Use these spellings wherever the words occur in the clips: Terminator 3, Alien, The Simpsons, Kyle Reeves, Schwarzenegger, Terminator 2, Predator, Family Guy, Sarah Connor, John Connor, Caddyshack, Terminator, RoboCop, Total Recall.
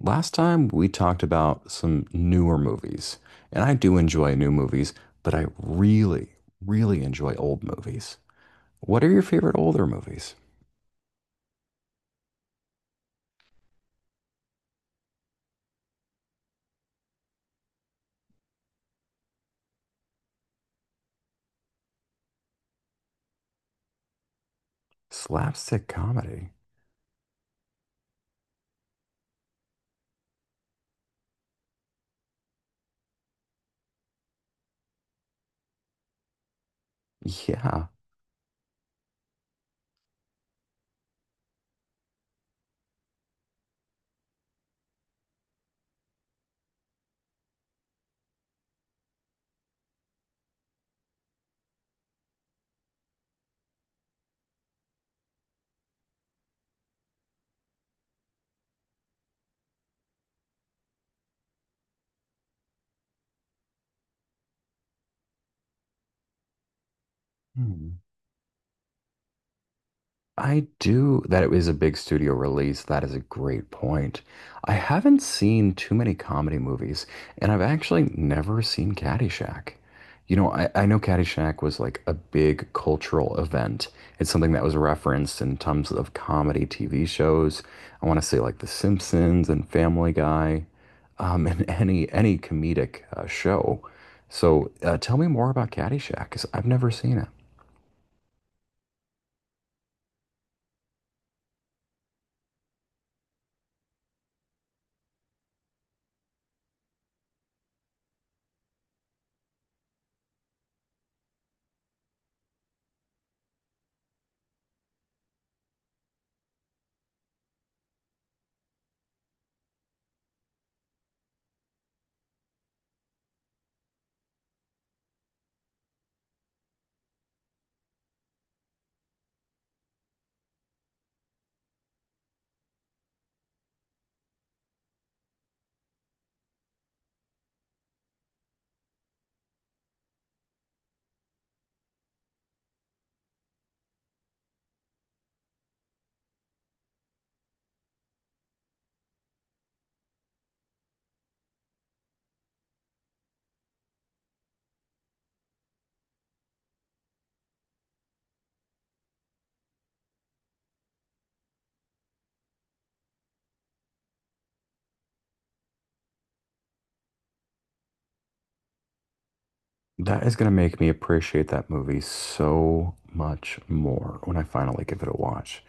Last time we talked about some newer movies, and I do enjoy new movies, but I really, really enjoy old movies. What are your favorite older movies? Slapstick comedy. Yeah. Hmm. I do that it was a big studio release. That is a great point. I haven't seen too many comedy movies, and I've actually never seen Caddyshack. You know, I know Caddyshack was like a big cultural event. It's something that was referenced in tons of comedy TV shows. I want to say like The Simpsons and Family Guy, and any comedic show. So tell me more about Caddyshack, because I've never seen it. That is going to make me appreciate that movie so much more when I finally give it a watch.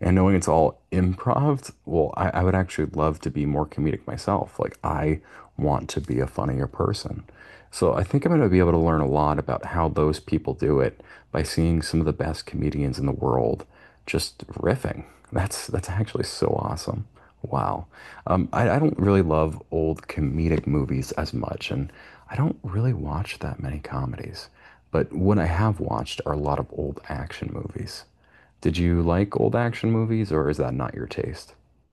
And knowing it's all improv, well, I would actually love to be more comedic myself. Like, I want to be a funnier person. So I think I'm going to be able to learn a lot about how those people do it by seeing some of the best comedians in the world just riffing. That's actually so awesome. Wow. I don't really love old comedic movies as much, and I don't really watch that many comedies. But what I have watched are a lot of old action movies. Did you like old action movies, or is that not your taste?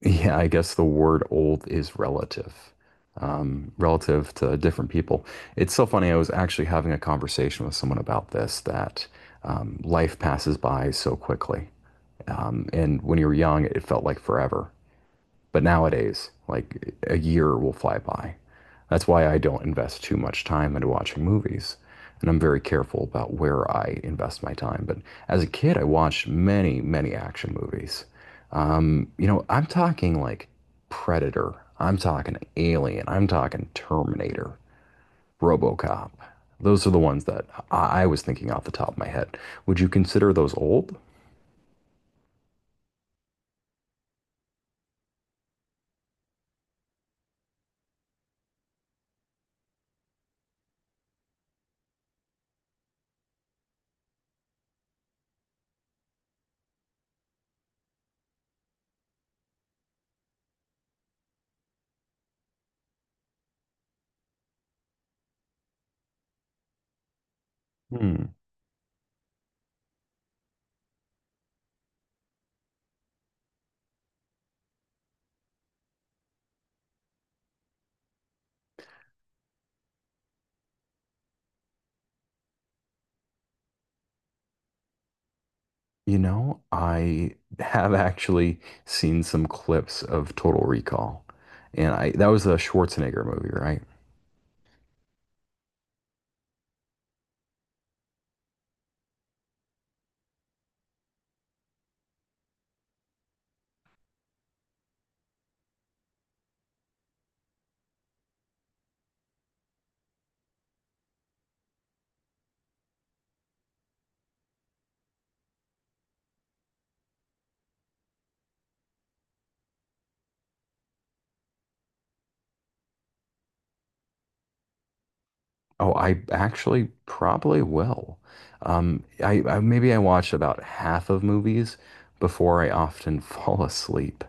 Yeah, I guess the word old is relative, relative to different people. It's so funny. I was actually having a conversation with someone about this that life passes by so quickly. And when you're young, it felt like forever. But nowadays, like a year will fly by. That's why I don't invest too much time into watching movies. And I'm very careful about where I invest my time. But as a kid, I watched many, many action movies. You know, I'm talking like Predator, I'm talking Alien, I'm talking Terminator, RoboCop. Those are the ones that I was thinking off the top of my head. Would you consider those old? Hmm. You know, I have actually seen some clips of Total Recall, and I that was a Schwarzenegger movie, right? Oh, I actually probably will. I maybe I watch about half of movies before I often fall asleep.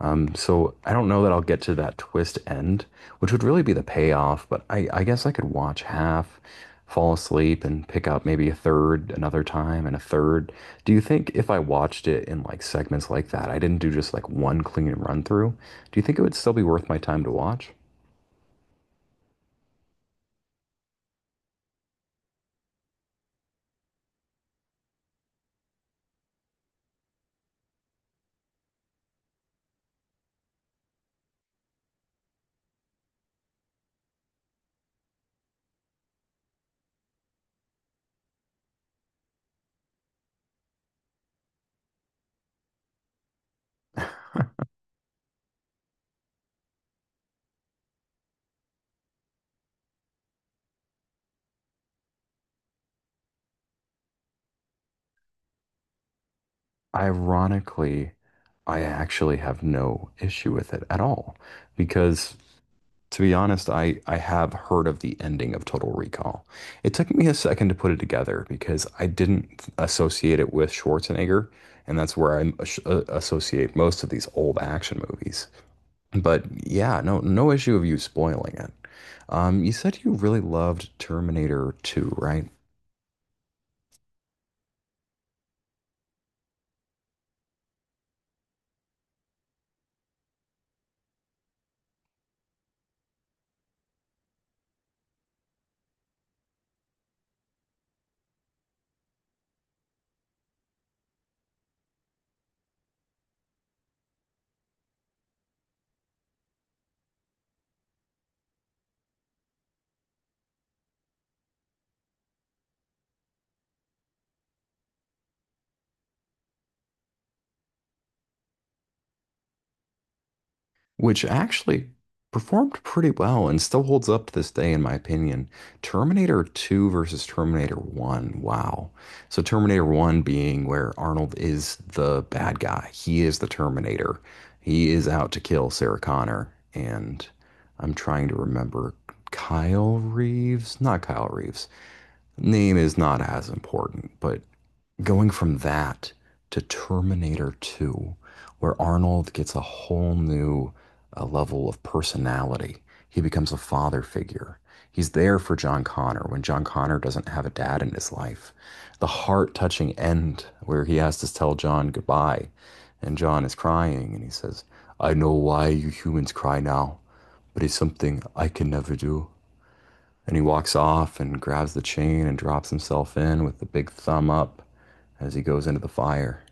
So I don't know that I'll get to that twist end, which would really be the payoff, but I guess I could watch half, fall asleep, and pick up maybe a third another time and a third. Do you think if I watched it in like segments like that, I didn't do just like one clean run through, do you think it would still be worth my time to watch? Ironically, I actually have no issue with it at all because to be honest, I have heard of the ending of Total Recall. It took me a second to put it together because I didn't associate it with Schwarzenegger, and that's where I associate most of these old action movies. But yeah, no no issue of you spoiling it. You said you really loved Terminator 2, right? Which actually performed pretty well and still holds up to this day, in my opinion. Terminator 2 versus Terminator 1. Wow. So, Terminator 1 being where Arnold is the bad guy, he is the Terminator. He is out to kill Sarah Connor. And I'm trying to remember Kyle Reeves, not Kyle Reeves. Name is not as important, but going from that to Terminator 2, where Arnold gets a whole new level of personality. He becomes a father figure. He's there for John Connor when John Connor doesn't have a dad in his life. The heart touching end where he has to tell John goodbye and John is crying and he says, I know why you humans cry now, but it's something I can never do. Then he walks off and grabs the chain and drops himself in with the big thumb up as he goes into the fire.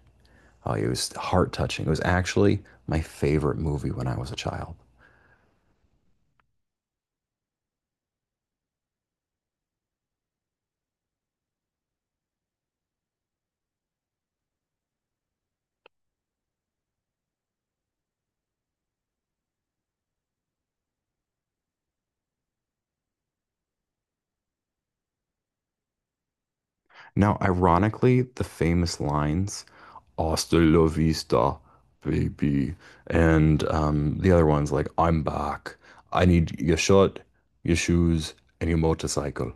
Oh, it was heart touching. It was actually my favorite movie when I was a child. Now, ironically, the famous lines, Hasta la vista, baby. And the other one's like, I'm back. I need your shirt, your shoes, and your motorcycle.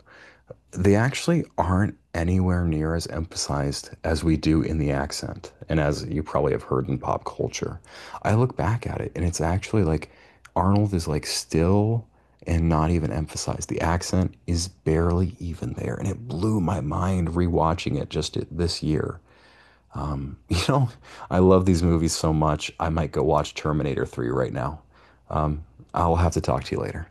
They actually aren't anywhere near as emphasized as we do in the accent, and as you probably have heard in pop culture. I look back at it, and it's actually like Arnold is like still and not even emphasized. The accent is barely even there, and it blew my mind rewatching it just this year. You know, I love these movies so much. I might go watch Terminator 3 right now. Um, I'll have to talk to you later.